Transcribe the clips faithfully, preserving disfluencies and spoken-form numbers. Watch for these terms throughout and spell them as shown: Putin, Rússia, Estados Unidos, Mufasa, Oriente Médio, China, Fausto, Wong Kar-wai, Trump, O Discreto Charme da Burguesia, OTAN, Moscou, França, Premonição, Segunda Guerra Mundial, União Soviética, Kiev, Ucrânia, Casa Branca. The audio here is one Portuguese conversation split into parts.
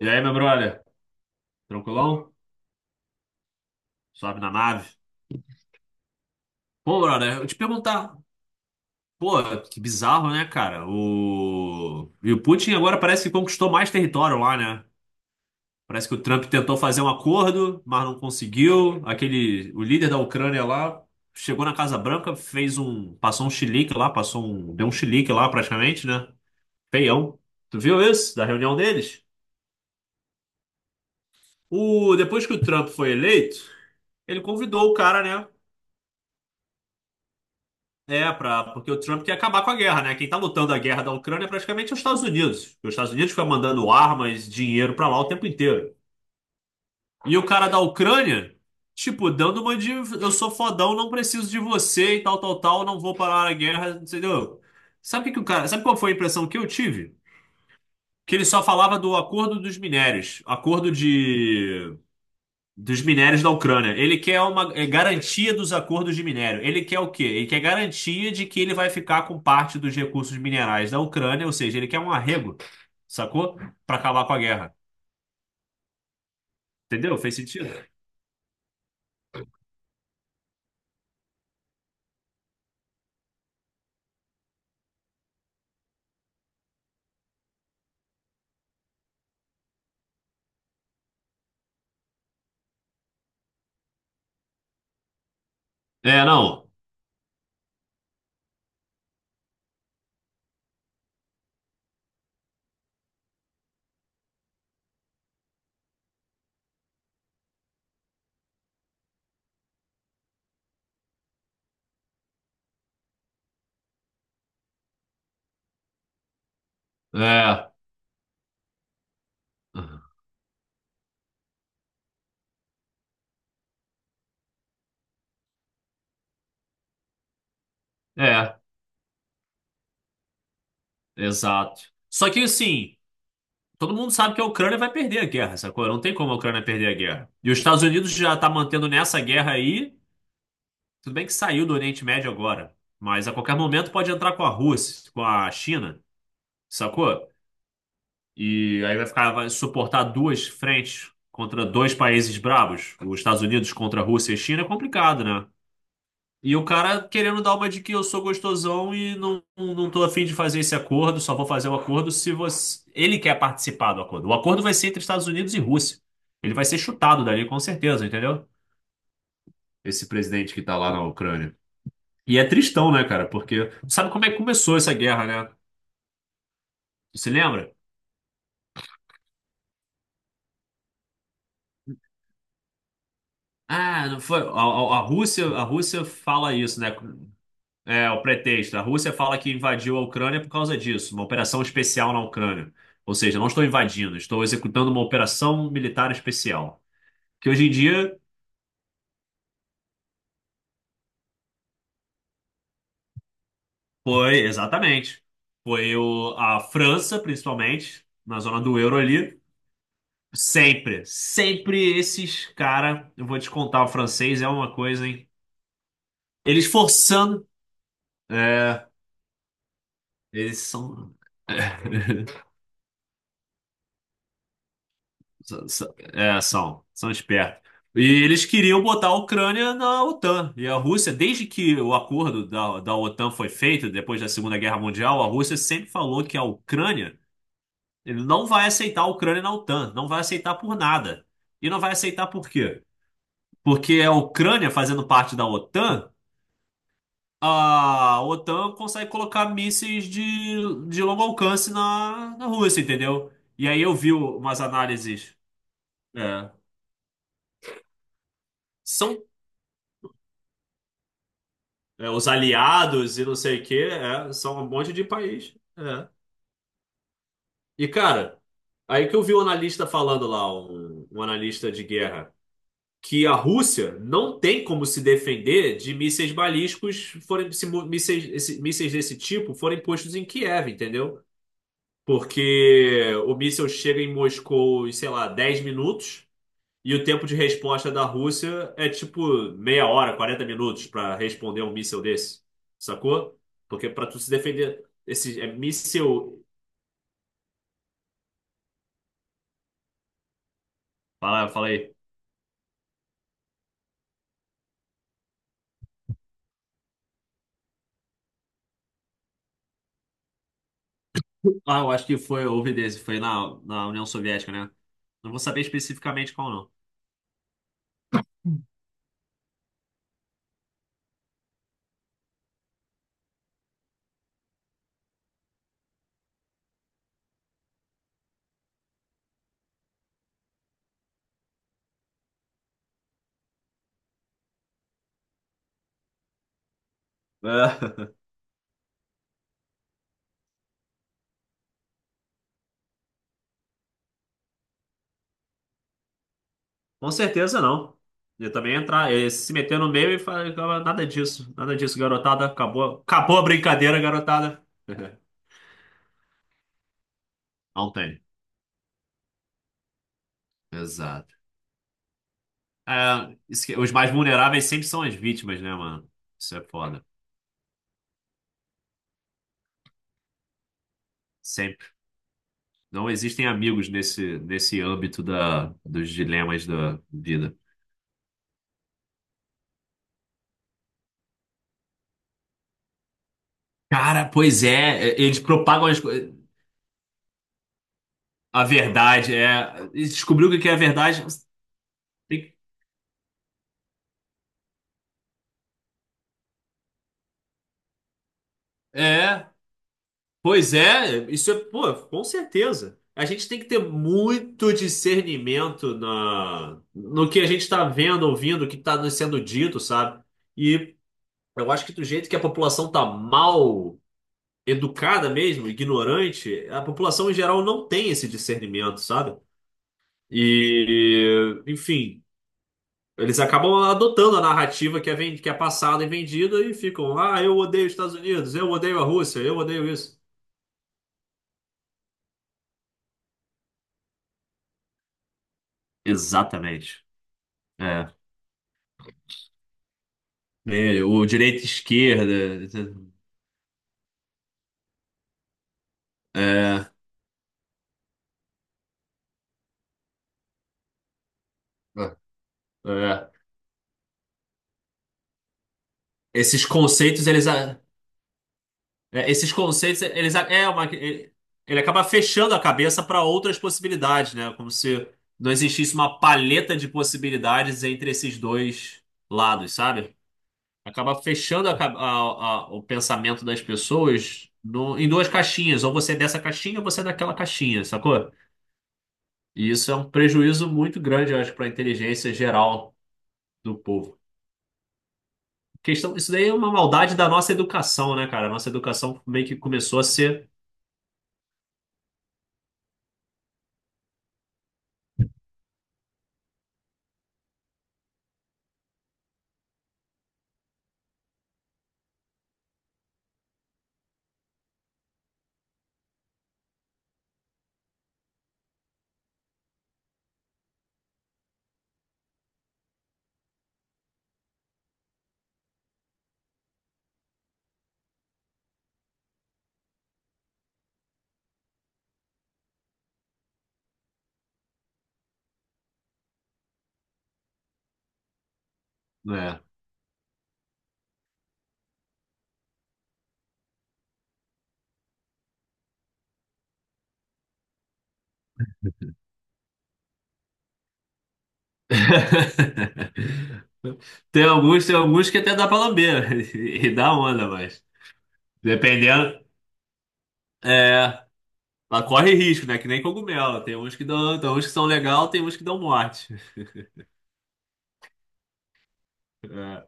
E aí, meu brother? Tranquilão? Sobe na nave. Pô, brother, eu te perguntar. Pô, que bizarro, né, cara? O... E o Putin agora parece que conquistou mais território lá, né? Parece que o Trump tentou fazer um acordo, mas não conseguiu. Aquele, o líder da Ucrânia lá chegou na Casa Branca, fez um, passou um chilique lá, passou um, deu um chilique lá praticamente, né? Feião. Tu viu isso da reunião deles? O, depois que o Trump foi eleito, ele convidou o cara, né? É, pra, porque o Trump quer acabar com a guerra, né? Quem tá lutando a guerra da Ucrânia é praticamente os Estados Unidos. Porque os Estados Unidos ficam mandando armas, dinheiro pra lá o tempo inteiro. E o cara da Ucrânia, tipo, dando uma de eu sou fodão, não preciso de você e tal, tal, tal, não vou parar a guerra, entendeu? Sabe o que que o cara, sabe qual foi a impressão que eu tive? Que ele só falava do acordo dos minérios, acordo de dos minérios da Ucrânia. Ele quer uma é, garantia dos acordos de minério. Ele quer o quê? Ele quer garantia de que ele vai ficar com parte dos recursos minerais da Ucrânia, ou seja, ele quer um arrego, sacou? Para acabar com a guerra. Entendeu? Fez sentido? É, não. É. É, exato. Só que assim, todo mundo sabe que a Ucrânia vai perder a guerra, sacou? Não tem como a Ucrânia perder a guerra. E os Estados Unidos já tá mantendo nessa guerra aí. Tudo bem que saiu do Oriente Médio agora. Mas a qualquer momento pode entrar com a Rússia, com a China. Sacou? E aí vai ficar, vai suportar duas frentes contra dois países bravos, os Estados Unidos contra a Rússia e China, é complicado, né? E o cara querendo dar uma de que eu sou gostosão e não, não tô afim de fazer esse acordo, só vou fazer o acordo se você. Ele quer participar do acordo. O acordo vai ser entre Estados Unidos e Rússia. Ele vai ser chutado dali, com certeza, entendeu? Esse presidente que tá lá na Ucrânia. E é tristão, né, cara? Porque sabe como é que começou essa guerra, né? Você lembra? Ah, não foi. A, a- a Rússia, a Rússia fala isso, né? É o pretexto. A Rússia fala que invadiu a Ucrânia por causa disso, uma operação especial na Ucrânia. Ou seja, não estou invadindo, estou executando uma operação militar especial. Que hoje em dia foi, exatamente, foi o, a França, principalmente, na zona do euro ali. Sempre, sempre esses cara, eu vou te contar, o francês é uma coisa, hein? Eles forçando. É, eles são. S- s- É, são, são espertos. E eles queriam botar a Ucrânia na OTAN. E a Rússia, desde que o acordo da, da OTAN foi feito, depois da Segunda Guerra Mundial, a Rússia sempre falou que a Ucrânia, ele não vai aceitar a Ucrânia na OTAN, não vai aceitar por nada. E não vai aceitar por quê? Porque a Ucrânia, fazendo parte da OTAN, a OTAN consegue colocar mísseis de, de longo alcance na, na Rússia, entendeu? E aí eu vi umas análises. É, são. É, os aliados e não sei o quê, é, são um monte de país. É. E, cara, aí que eu vi um analista falando lá, um, um analista de guerra, que a Rússia não tem como se defender de mísseis balísticos, forem, se mu- mísseis, esse- mísseis desse tipo forem postos em Kiev, entendeu? Porque o míssil chega em Moscou em, sei lá, dez minutos. E o tempo de resposta da Rússia é tipo meia hora, quarenta minutos para responder um míssil desse. Sacou? Porque para tu se defender, esse é míssil. Fala, fala aí. Ah, eu acho que foi, houve desse, foi na, na União Soviética, né? Não vou saber especificamente qual não. É. Com certeza não. Eu também ia entrar, eu ia se meter no meio e falar nada disso, nada disso, garotada. Acabou, acabou a brincadeira, garotada. Não tem. Exato. É, isso que- os mais vulneráveis sempre são as vítimas, né, mano? Isso é foda. Sempre. Não existem amigos nesse, nesse âmbito da, dos dilemas da vida. Cara, pois é, é, eles propagam as, co- a verdade, é. E descobriu o que que é a verdade. Tem é, pois é, isso é, pô, com certeza. A gente tem que ter muito discernimento na, no que a gente tá vendo, ouvindo, o que tá nos sendo dito, sabe? E eu acho que do jeito que a população tá mal educada mesmo, ignorante, a população em geral não tem esse discernimento, sabe? E, enfim, eles acabam adotando a narrativa que é, ven- que é passada e vendida e ficam, ah, eu odeio os Estados Unidos, eu odeio a Rússia, eu odeio isso. Exatamente. É. É, o direita e esquerda. É, é. Esses conceitos, eles. É, esses conceitos, eles é uma, ele, ele acaba fechando a cabeça para outras possibilidades, né? Como se não existisse uma paleta de possibilidades entre esses dois lados, sabe? Acaba fechando a ca- a- a- o pensamento das pessoas no- em duas caixinhas, ou você é dessa caixinha ou você é daquela caixinha, sacou? E isso é um prejuízo muito grande, eu acho, para a inteligência geral do povo. Questão, isso daí é uma maldade da nossa educação, né, cara? A nossa educação meio que começou a ser né, tem alguns, tem alguns que até dá pra lamber e dá onda, mas dependendo, é, ela corre risco, né? Que nem cogumelo. Tem uns que dão, tem uns que são legal, tem uns que dão morte. É,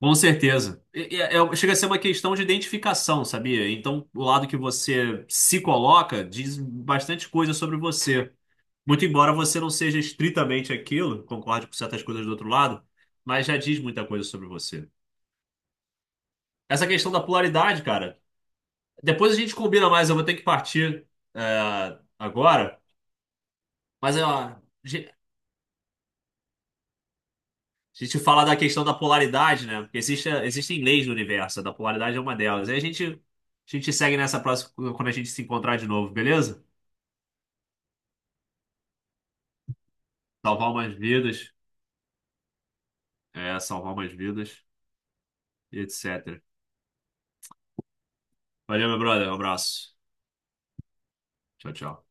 com certeza. E- e- é- é, chega a ser uma questão de identificação, sabia? Então, o lado que você se coloca diz bastante coisa sobre você. Muito embora você não seja estritamente aquilo, concorde com certas coisas do outro lado, mas já diz muita coisa sobre você. Essa questão da polaridade, cara. Depois a gente combina mais, eu vou ter que partir é, agora. Mas ó, a gente a gente fala da questão da polaridade, né? Porque existe, existem leis no universo, a da polaridade é uma delas. E a gente, a gente segue nessa próxima, quando a gente se encontrar de novo, beleza? Salvar umas vidas, é, salvar umas vidas, e et cetera. Valeu, meu brother, um abraço. Tchau, tchau.